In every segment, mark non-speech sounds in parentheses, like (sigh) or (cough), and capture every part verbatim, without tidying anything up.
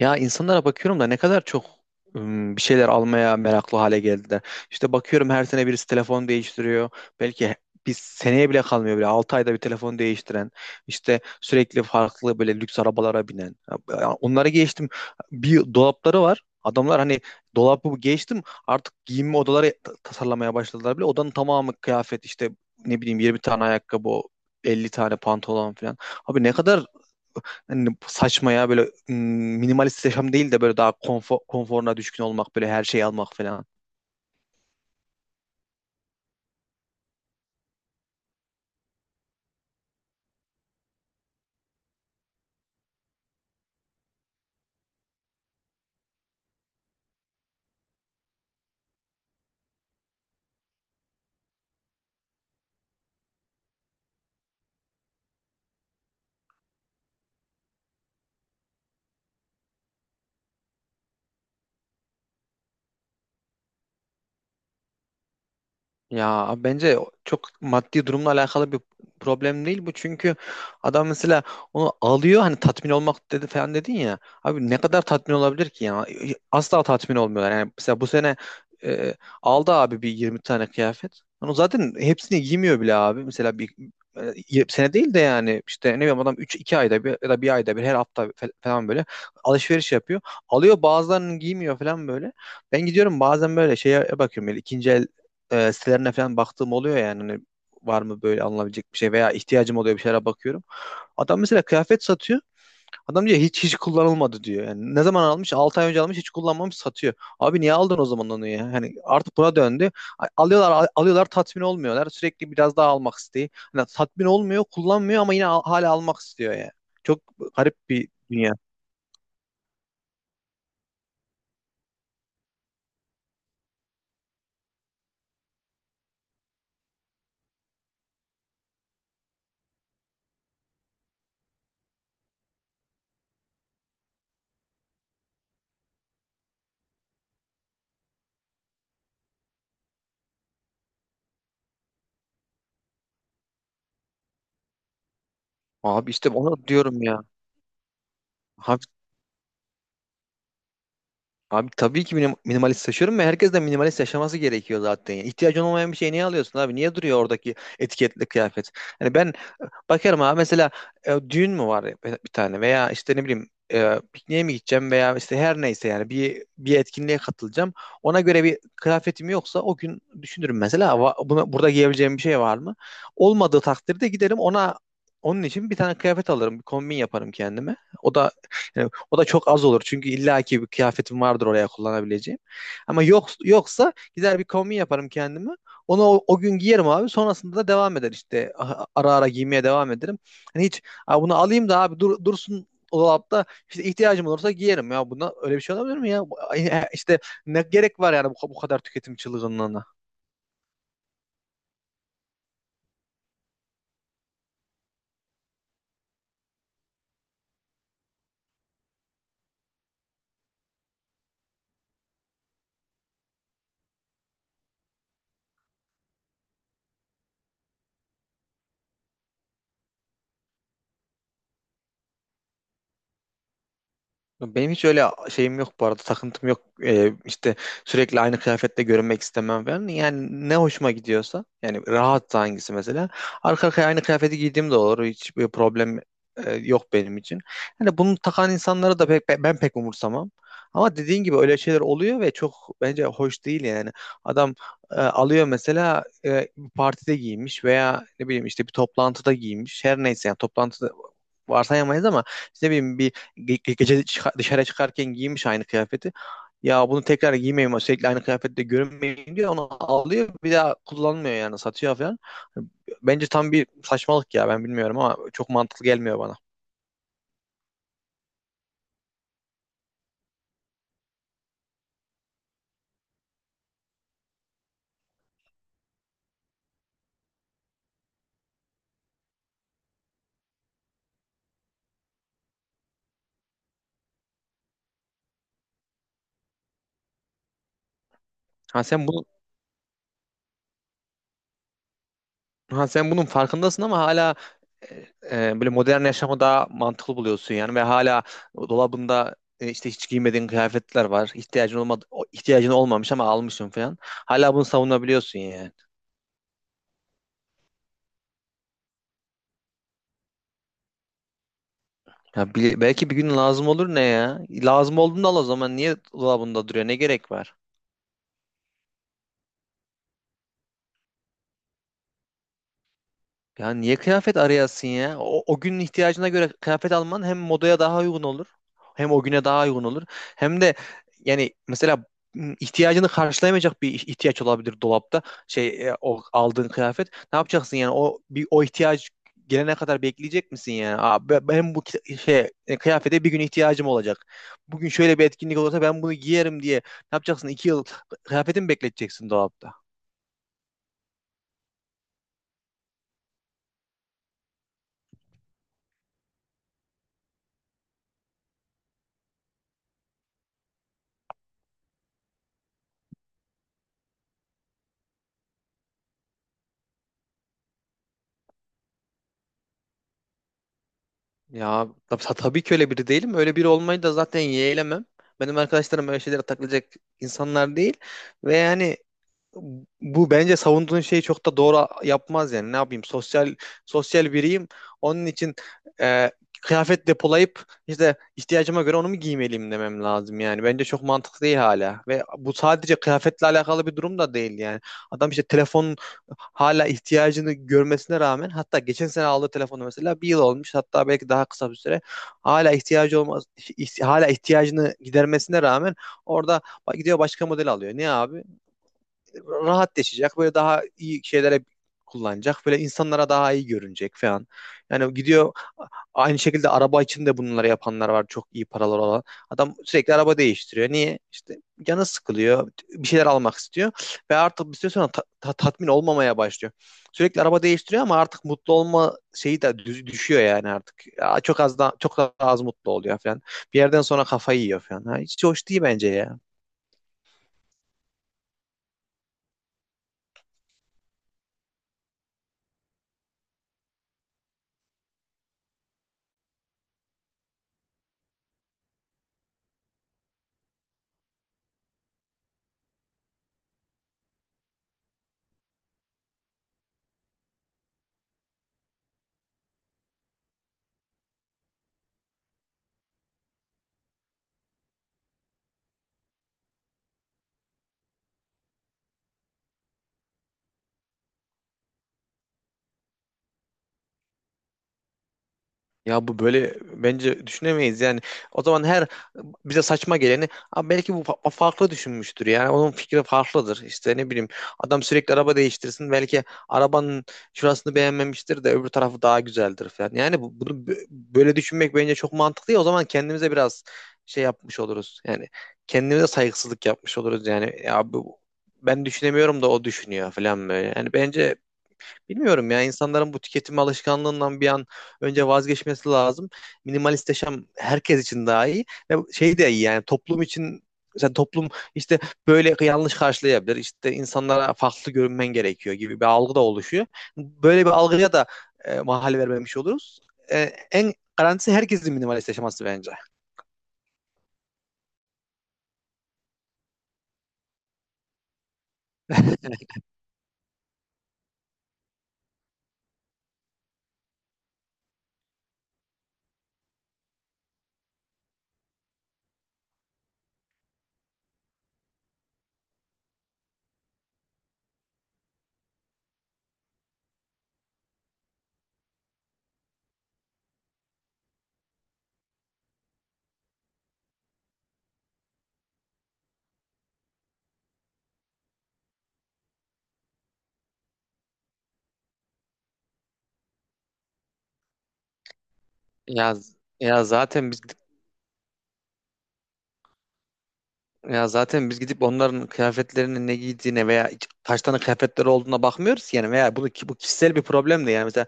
Ya insanlara bakıyorum da ne kadar çok ım, bir şeyler almaya meraklı hale geldiler. İşte bakıyorum her sene birisi telefon değiştiriyor. Belki bir seneye bile kalmıyor bile. Altı ayda bir telefon değiştiren, işte sürekli farklı böyle lüks arabalara binen. Ya onları geçtim. Bir dolapları var. Adamlar hani dolabı geçtim artık giyinme odaları ta- tasarlamaya başladılar bile. Odanın tamamı kıyafet işte ne bileyim yirmi tane ayakkabı, elli tane pantolon falan. Abi ne kadar hani saçma ya böyle mm, minimalist yaşam değil de böyle daha konfor, konforuna düşkün olmak, böyle her şeyi almak falan. Ya bence çok maddi durumla alakalı bir problem değil bu. Çünkü adam mesela onu alıyor, hani tatmin olmak dedi falan dedin ya. Abi ne kadar tatmin olabilir ki ya? Asla tatmin olmuyorlar. Yani mesela bu sene e, aldı abi bir yirmi tane kıyafet. Onu zaten hepsini giymiyor bile abi. Mesela bir e, y- sene değil de yani işte ne bileyim adam üç iki ayda bir ya da bir ayda bir, her hafta fe- falan böyle alışveriş yapıyor. Alıyor, bazılarını giymiyor falan böyle. Ben gidiyorum bazen böyle şeye bakıyorum, böyle ikinci el e, sitelerine falan baktığım oluyor, yani hani var mı böyle alınabilecek bir şey veya ihtiyacım oluyor bir şeylere bakıyorum. Adam mesela kıyafet satıyor. Adam diyor hiç hiç kullanılmadı diyor. Yani ne zaman almış? altı ay önce almış, hiç kullanmamış, satıyor. Abi niye aldın o zaman onu ya? Hani artık buna döndü. Alıyorlar, al- alıyorlar, tatmin olmuyorlar. Sürekli biraz daha almak isteği. Hani tatmin olmuyor, kullanmıyor ama yine al- hala almak istiyor ya. Çok garip bir dünya. Abi işte onu diyorum ya. Abi. Abi tabii ki minim- minimalist yaşıyorum ve herkes de minimalist yaşaması gerekiyor zaten. Yani ihtiyacın olmayan bir şey niye alıyorsun abi? Niye duruyor oradaki etiketli kıyafet? Hani ben bakarım abi mesela e, düğün mü var ya bir tane, veya işte ne bileyim e, pikniğe mi gideceğim, veya işte her neyse, yani bir bir etkinliğe katılacağım. Ona göre bir kıyafetim yoksa o gün düşünürüm mesela, "Va- buna, burada giyebileceğim bir şey var mı?" Olmadığı takdirde giderim, ona onun için bir tane kıyafet alırım, bir kombin yaparım kendime. O da, yani o da çok az olur çünkü illaki bir kıyafetim vardır oraya kullanabileceğim. Ama yok yoksa gider bir kombin yaparım kendime. Onu o, o gün giyerim abi. Sonrasında da devam eder işte. A- Ara ara giymeye devam ederim. Hani hiç "Aa, bunu alayım da abi dur, dursun o dolapta, işte ihtiyacım olursa giyerim ya." Buna öyle bir şey olabilir mi ya? Bu- (laughs) İşte ne gerek var yani bu, bu kadar tüketim çılgınlığına? Benim hiç öyle şeyim yok, bu arada takıntım yok. Ee, işte sürekli aynı kıyafetle görünmek istemem falan, yani ne hoşuma gidiyorsa, yani rahatsa hangisi, mesela arka arkaya aynı kıyafeti giydiğim de olur, hiç bir problem e, yok benim için. Hani bunu takan insanları da pek, ben pek umursamam, ama dediğin gibi öyle şeyler oluyor ve çok bence hoş değil yani. Adam e, alıyor mesela, e, bir partide giymiş veya ne bileyim işte bir toplantıda giymiş, her neyse, yani toplantıda varsayamayız ama işte ne bileyim bir ge- ge- gece çıka- dışarı çıkarken giymiş aynı kıyafeti. Ya bunu tekrar giymeyeyim, sürekli aynı kıyafette görünmeyeyim diye onu alıyor, bir daha kullanmıyor, yani satıyor falan. Bence tam bir saçmalık ya, ben bilmiyorum ama çok mantıklı gelmiyor bana. Ha sen bunu Ha sen bunun farkındasın ama hala e, e, böyle modern yaşamı daha mantıklı buluyorsun yani, ve hala dolabında e, işte hiç giymediğin kıyafetler var. İhtiyacın olmadı, o- ihtiyacın olmamış ama almışsın falan. Hala bunu savunabiliyorsun yani. Ya bile- belki bir gün lazım olur ne ya? Lazım olduğunda al o zaman. Niye dolabında duruyor? Ne gerek var? Ya niye kıyafet arayasın ya? O, o günün ihtiyacına göre kıyafet alman hem modaya daha uygun olur, hem o güne daha uygun olur. Hem de yani mesela m, ihtiyacını karşılayamayacak bir ihtiyaç olabilir dolapta. Şey, e, o aldığın kıyafet. Ne yapacaksın yani? O bir o ihtiyaç gelene kadar bekleyecek misin yani? "Aa, be- ben bu kita- şey e, kıyafete bir gün ihtiyacım olacak. Bugün şöyle bir etkinlik olursa ben bunu giyerim" diye. Ne yapacaksın? İki yıl kıyafetimi bekleteceksin dolapta. Ya tab- ta- tabii ki öyle biri değilim. Öyle biri olmayı da zaten yeğlemem. Benim arkadaşlarım öyle şeylere takılacak insanlar değil. Ve yani bu, bence savunduğun şeyi çok da doğru yapmaz yani. Ne yapayım? Sosyal sosyal biriyim. Onun için e, kıyafet depolayıp işte ihtiyacıma göre onu mu giymeliyim demem lazım yani. Bence çok mantıklı değil hala. Ve bu sadece kıyafetle alakalı bir durum da değil yani. Adam işte telefonun hala ihtiyacını görmesine rağmen, hatta geçen sene aldığı telefonu mesela bir yıl olmuş, hatta belki daha kısa bir süre, hala ihtiyacı olmaz, ih- hala ihtiyacını gidermesine rağmen, orada gidiyor başka model alıyor. Niye abi? Rahat yaşayacak. Böyle daha iyi şeylere kullanacak. Böyle insanlara daha iyi görünecek falan. Yani gidiyor, aynı şekilde araba için de bunları yapanlar var. Çok iyi paralar olan. Adam sürekli araba değiştiriyor. Niye? İşte canı sıkılıyor. Bir şeyler almak istiyor. Ve artık bir süre sonra ta- ta- tatmin olmamaya başlıyor. Sürekli araba değiştiriyor ama artık mutlu olma şeyi de düz- düşüyor yani artık. Ya çok az da, çok daha az mutlu oluyor falan. Bir yerden sonra kafayı yiyor falan. Ha, hiç hoş değil bence ya. Ya bu böyle bence düşünemeyiz yani. O zaman her bize saçma geleni "Aa, belki bu fa- farklı düşünmüştür, yani onun fikri farklıdır. İşte ne bileyim adam sürekli araba değiştirsin, belki arabanın şurasını beğenmemiştir de öbür tarafı daha güzeldir" falan. Yani bu- bunu bö- böyle düşünmek bence çok mantıklı ya, o zaman kendimize biraz şey yapmış oluruz. Yani kendimize saygısızlık yapmış oluruz yani. Ya bu, "Ben düşünemiyorum da o düşünüyor" falan böyle. Yani bence bilmiyorum ya, insanların bu tüketim alışkanlığından bir an önce vazgeçmesi lazım. Minimalist yaşam herkes için daha iyi, ve şey de iyi, yani toplum için. Mesela toplum işte böyle yanlış karşılayabilir. İşte insanlara farklı görünmen gerekiyor gibi bir algı da oluşuyor. Böyle bir algıya da e, mahal vermemiş oluruz. E, En garantisi herkesin minimalist yaşaması bence. Ya ya zaten biz Ya zaten biz gidip onların kıyafetlerinin ne giydiğine veya iç- kaç tane kıyafetleri olduğuna bakmıyoruz ki yani, veya bunu ki- bu kişisel bir problem de yani. Mesela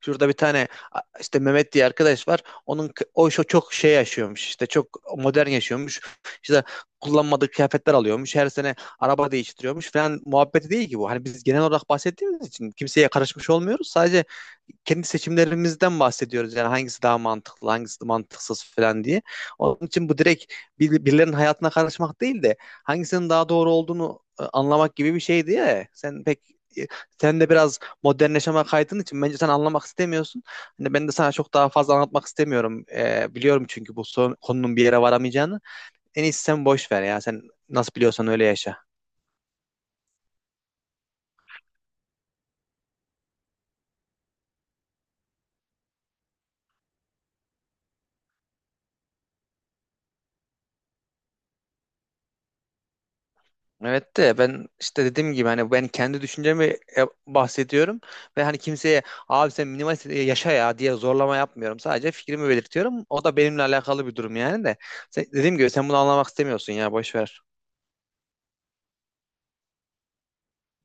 şurada bir tane a- işte Mehmet diye arkadaş var. Onun k- o şu çok şey yaşıyormuş, işte çok modern yaşıyormuş. İşte kullanmadığı kıyafetler alıyormuş, her sene araba değiştiriyormuş falan muhabbeti değil ki bu. Hani biz genel olarak bahsettiğimiz için kimseye karışmış olmuyoruz. Sadece kendi seçimlerimizden bahsediyoruz. Yani hangisi daha mantıklı, hangisi mantıksız falan diye. Onun için bu direkt bir- birilerinin hayatına karışmak değil de hangisinin daha doğru olduğunu e, anlamak gibi bir şeydi ya. Sen pek e, sen de biraz modernleşme, yaşama kaydığın için bence sen anlamak istemiyorsun. Hani ben de sana çok daha fazla anlatmak istemiyorum. E, biliyorum çünkü bu son- konunun bir yere varamayacağını. En iyisi sen boş ver ya. Sen nasıl biliyorsan öyle yaşa. Evet de ben işte dediğim gibi hani ben kendi düşüncemi e, bahsediyorum, ve hani kimseye "Abi sen minimalist e, yaşa ya" diye zorlama yapmıyorum. Sadece fikrimi belirtiyorum. O da benimle alakalı bir durum yani de. Sen- dediğim gibi sen bunu anlamak istemiyorsun ya, boş ver.